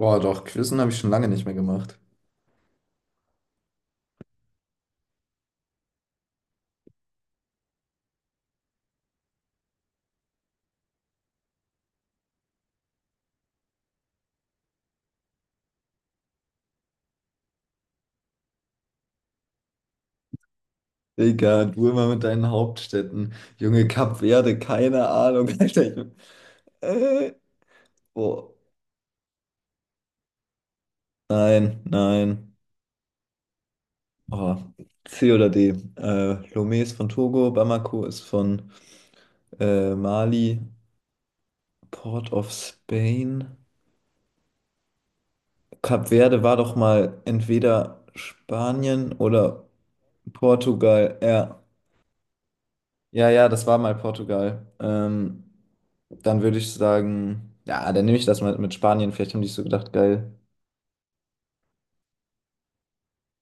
Boah, doch, Quizzen habe ich schon lange nicht mehr gemacht. Digga, du immer mit deinen Hauptstädten. Junge, Kap Verde, keine Ahnung, Alter. Äh, Boah. Nein, nein. Oh. C oder D. Lomé ist von Togo, Bamako ist von Mali, Port of Spain. Kap Verde war doch mal entweder Spanien oder Portugal. Ja, ja, das war mal Portugal. Dann würde ich sagen, ja, dann nehme ich das mal mit Spanien. Vielleicht haben die so gedacht, geil.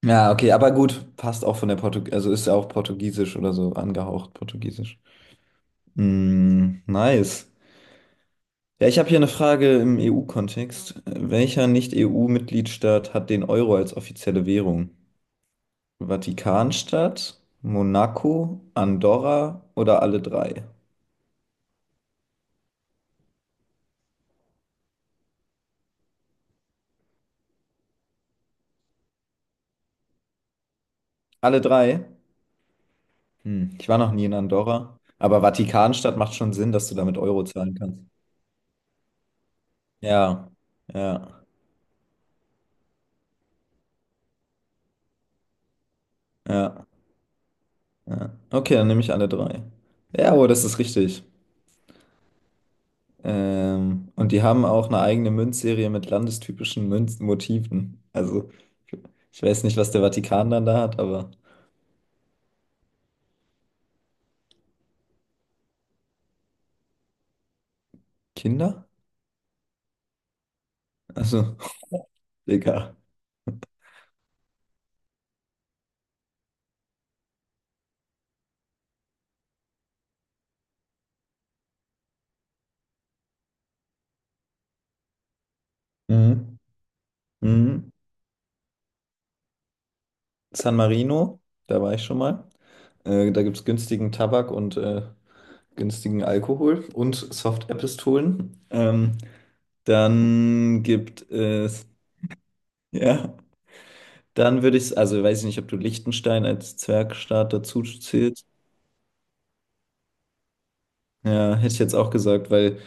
Ja, okay, aber gut, passt auch von der Portug, also ist ja auch Portugiesisch oder so angehaucht, Portugiesisch. Mm, nice. Ja, ich habe hier eine Frage im EU-Kontext. Welcher Nicht-EU-Mitgliedstaat hat den Euro als offizielle Währung? Vatikanstadt, Monaco, Andorra oder alle drei? Alle drei? Hm, ich war noch nie in Andorra. Aber Vatikanstadt macht schon Sinn, dass du damit Euro zahlen kannst. Ja, ja, ja, ja. Okay, dann nehme ich alle drei. Ja, oh, das ist richtig. Und die haben auch eine eigene Münzserie mit landestypischen Münzmotiven. Also, ich weiß nicht, was der Vatikan dann da hat, aber Kinder? Also, egal. Mhm. Mhm. San Marino, da war ich schon mal. Da gibt es günstigen Tabak und günstigen Alkohol und Soft-Air-Pistolen. Dann gibt es, ja, dann würde ich, also weiß ich nicht, ob du Liechtenstein als Zwergstaat dazu zählst. Ja, hätte ich jetzt auch gesagt, weil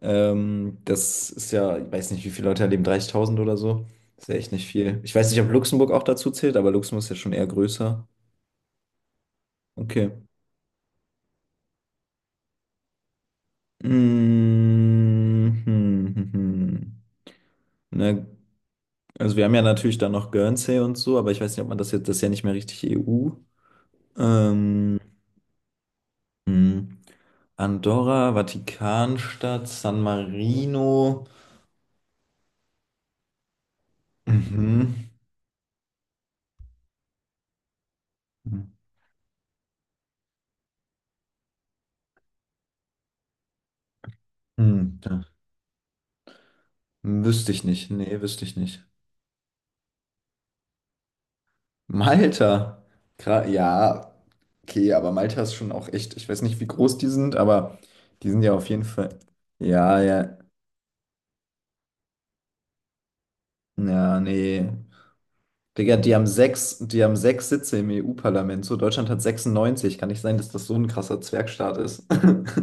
das ist ja, ich weiß nicht, wie viele Leute da leben, 30.000 oder so. Ist ja echt nicht viel. Ich weiß nicht, ob Luxemburg auch dazu zählt, aber Luxemburg ist ja schon eher größer. Okay. Mhm. Ne, also wir haben ja natürlich dann noch Guernsey und so, aber ich weiß nicht, ob man das jetzt, das ist ja nicht mehr richtig EU. Ähm, hm. Andorra, Vatikanstadt, San Marino. Mhm. Hm, ja. Wüsste ich nicht. Nee, wüsste ich nicht. Malta. Gra ja, okay, aber Malta ist schon auch echt, ich weiß nicht, wie groß die sind, aber die sind ja auf jeden Fall. Ja, ja. Ja, nee. Digga, die haben sechs Sitze im EU-Parlament. So, Deutschland hat 96. Kann nicht sein, dass das so ein krasser Zwergstaat ist.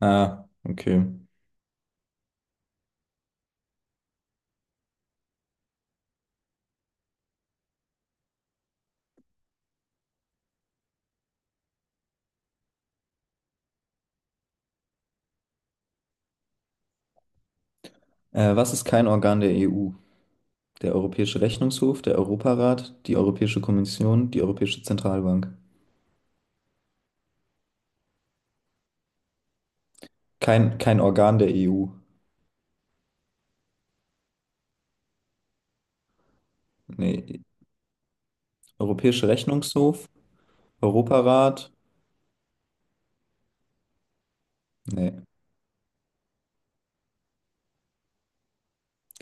Ah, okay. Was ist kein Organ der EU? Der Europäische Rechnungshof, der Europarat, die Europäische Kommission, die Europäische Zentralbank. Kein Organ der EU. Nee. Europäische Rechnungshof, Europarat. Nee,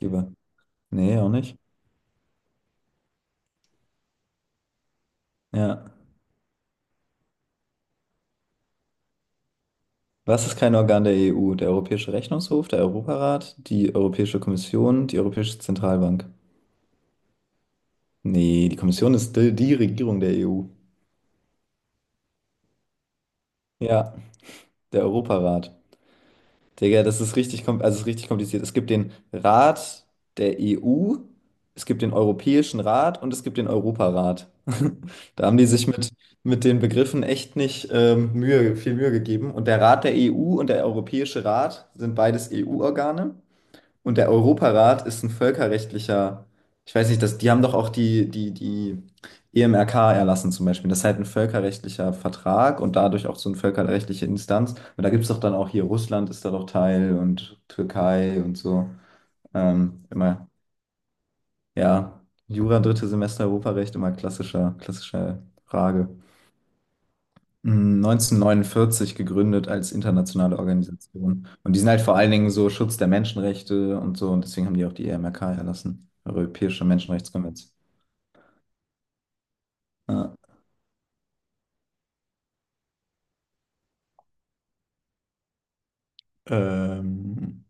lieber. Nee, auch nicht. Ja. Was ist kein Organ der EU? Der Europäische Rechnungshof, der Europarat, die Europäische Kommission, die Europäische Zentralbank. Nee, die Kommission ist die Regierung der EU. Ja, der Europarat. Digga, das ist richtig, also es ist richtig kompliziert. Es gibt den Rat der EU, es gibt den Europäischen Rat und es gibt den Europarat. Da haben die sich mit den Begriffen echt nicht Mühe, viel Mühe gegeben. Und der Rat der EU und der Europäische Rat sind beides EU-Organe. Und der Europarat ist ein völkerrechtlicher, ich weiß nicht, die haben doch auch die EMRK erlassen zum Beispiel. Das ist halt ein völkerrechtlicher Vertrag und dadurch auch so eine völkerrechtliche Instanz. Und da gibt es doch dann auch hier, Russland ist da doch Teil und Türkei und so. Ähm, immer, ja, Jura, drittes Semester Europarecht, immer klassischer Frage, mh, 1949 gegründet als internationale Organisation. Und die sind halt vor allen Dingen so Schutz der Menschenrechte und so. Und deswegen haben die auch die EMRK erlassen, Europäische Menschenrechtskonvention. Ja, ähm,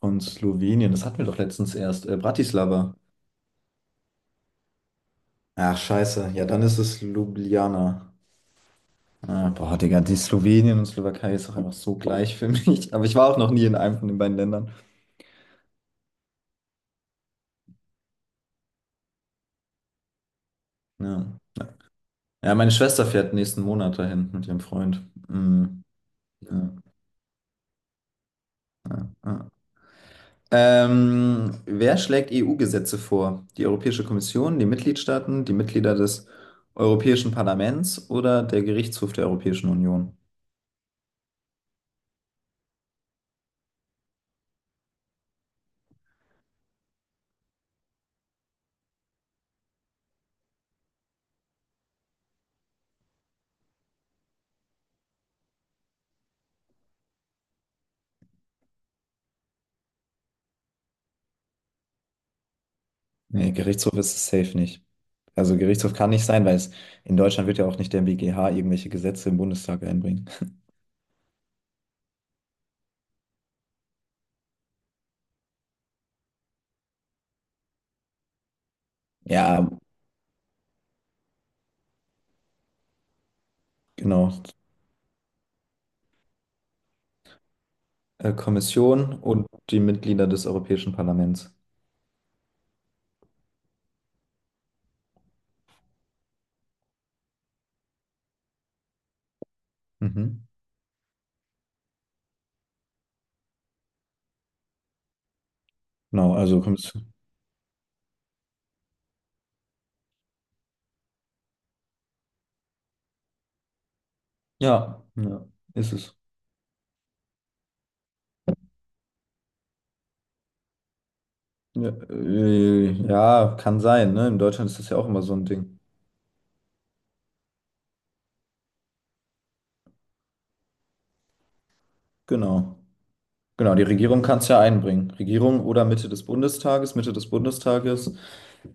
von Slowenien, das hatten wir doch letztens erst. Bratislava. Ach, scheiße. Ja, dann ist es Ljubljana. Ah, boah, Digga, die Slowenien und Slowakei ist doch einfach so gleich für mich. Aber ich war auch noch nie in einem von den beiden Ländern. Ja, ja, meine Schwester fährt nächsten Monat dahin mit ihrem Freund. Mm, ja, ja. Wer schlägt EU-Gesetze vor? Die Europäische Kommission, die Mitgliedstaaten, die Mitglieder des Europäischen Parlaments oder der Gerichtshof der Europäischen Union? Nee, Gerichtshof ist es safe nicht. Also Gerichtshof kann nicht sein, weil es in Deutschland wird ja auch nicht der BGH irgendwelche Gesetze im Bundestag einbringen. Ja, genau. Kommission und die Mitglieder des Europäischen Parlaments. Mhm. Genau, also Kommission. Ja, ja, Ist es. Ja, ja, kann sein, ne? In Deutschland ist das ja auch immer so ein Ding. Genau. Genau, die Regierung kann es ja einbringen. Regierung oder Mitte des Bundestages, Mitte des Bundestages.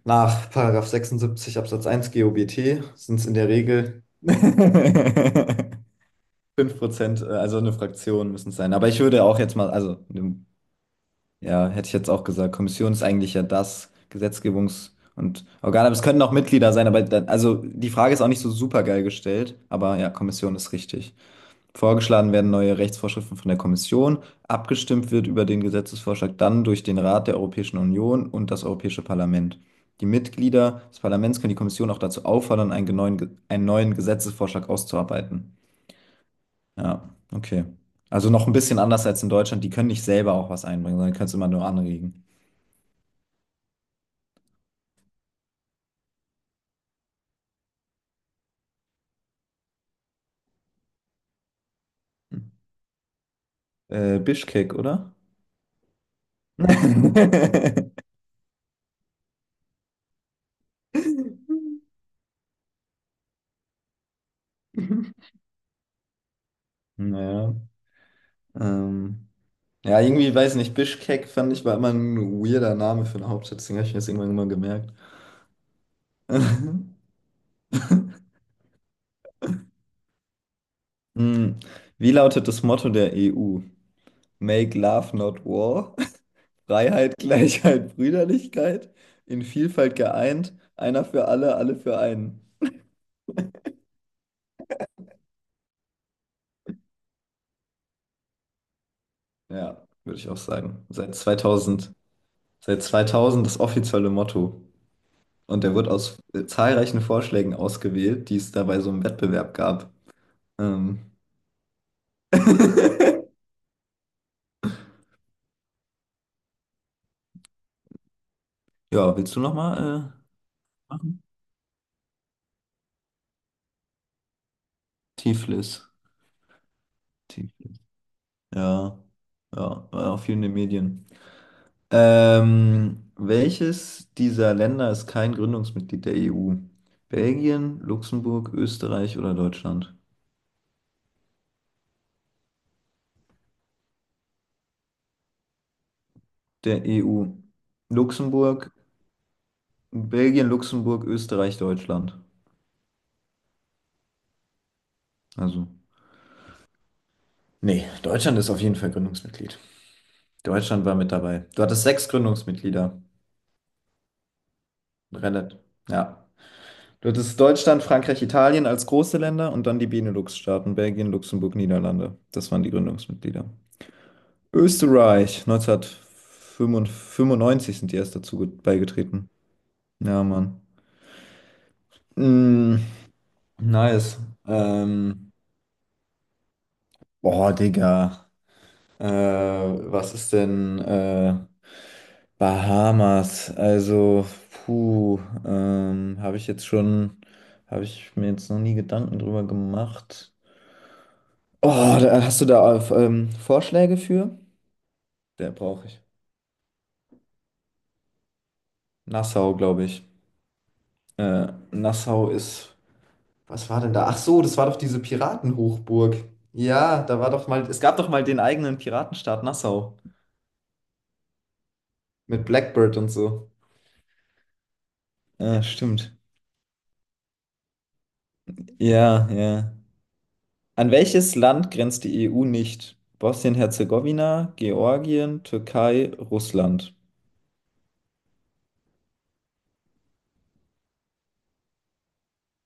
Nach Paragraph 76 Absatz 1 GOBT sind es in der Regel, 5%, also eine Fraktion müssen es sein. Aber ich würde auch jetzt mal, also, ne, ja, hätte ich jetzt auch gesagt, Kommission ist eigentlich ja das Gesetzgebungs- und Organ, aber es können auch Mitglieder sein, aber dann, also die Frage ist auch nicht so super geil gestellt, aber ja, Kommission ist richtig. Vorgeschlagen werden neue Rechtsvorschriften von der Kommission. Abgestimmt wird über den Gesetzesvorschlag dann durch den Rat der Europäischen Union und das Europäische Parlament. Die Mitglieder des Parlaments können die Kommission auch dazu auffordern, einen neuen Gesetzesvorschlag auszuarbeiten. Ja, okay. Also noch ein bisschen anders als in Deutschland. Die können nicht selber auch was einbringen, sondern können es immer nur anregen. Hm. Bischkek, oder? Naja. Ähm. Ja, irgendwie, weiß nicht, Bischkek fand ich war immer ein weirder Name für eine Hauptstadt, deswegen habe ich mir das irgendwann immer gemerkt. Hm, Wie lautet das Motto der EU? Make Love Not War. Freiheit, Gleichheit, Brüderlichkeit. In Vielfalt geeint. Einer für alle, alle für einen. Ja, würde ich auch sagen. Seit 2000 das offizielle Motto. Und der wird aus zahlreichen Vorschlägen ausgewählt, die es dabei so im Wettbewerb gab. Ähm. Ja, willst du nochmal machen? Tiflis. Tiflis. Ja, ja, war auch viel in den Medien. Welches dieser Länder ist kein Gründungsmitglied der EU? Belgien, Luxemburg, Österreich oder Deutschland? Der EU. Luxemburg, Belgien, Luxemburg, Österreich, Deutschland. Also. Nee, Deutschland ist auf jeden Fall Gründungsmitglied. Deutschland war mit dabei. Du hattest sechs Gründungsmitglieder. Relativ. Ja. Du hattest Deutschland, Frankreich, Italien als große Länder und dann die Benelux-Staaten, Belgien, Luxemburg, Niederlande. Das waren die Gründungsmitglieder. Österreich, 1995 sind die erst dazu beigetreten. Ja, Mann. Mm, nice. Ähm, boah, Digga. Was ist denn Bahamas? Also, puh, ähm, habe ich jetzt schon, habe ich mir jetzt noch nie Gedanken drüber gemacht. Oh, da, hast du da Vorschläge für? Der brauche ich. Nassau, glaube ich. Nassau ist. Was war denn da? Ach so, das war doch diese Piratenhochburg. Ja, da war doch mal. Es gab doch mal den eigenen Piratenstaat Nassau. Mit Blackbird und so. Ja, stimmt. Ja, ja. An welches Land grenzt die EU nicht? Bosnien-Herzegowina, Georgien, Türkei, Russland.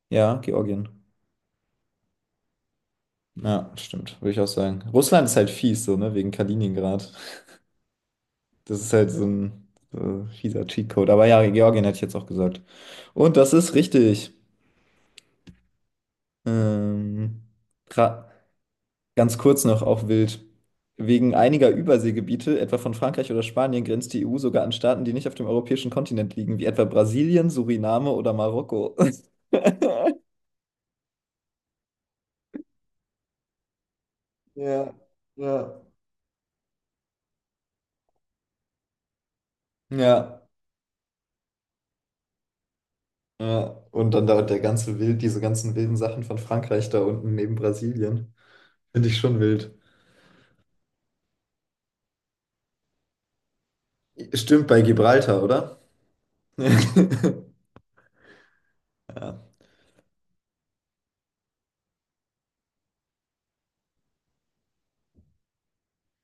Ja, Georgien. Ja, stimmt, würde ich auch sagen. Russland ist halt fies, so, ne, wegen Kaliningrad. Das ist halt so ein fieser Cheatcode. Aber ja, Georgien hätte ich jetzt auch gesagt. Und das ist richtig. Ähm, gra- ganz kurz noch, auch wild. Wegen einiger Überseegebiete, etwa von Frankreich oder Spanien, grenzt die EU sogar an Staaten, die nicht auf dem europäischen Kontinent liegen, wie etwa Brasilien, Suriname oder Marokko. Ja, ja. Ja, ja. Und dann da der ganze Wild, diese ganzen wilden Sachen von Frankreich da unten neben Brasilien. Finde ich schon wild. Stimmt bei Gibraltar, oder? Ja.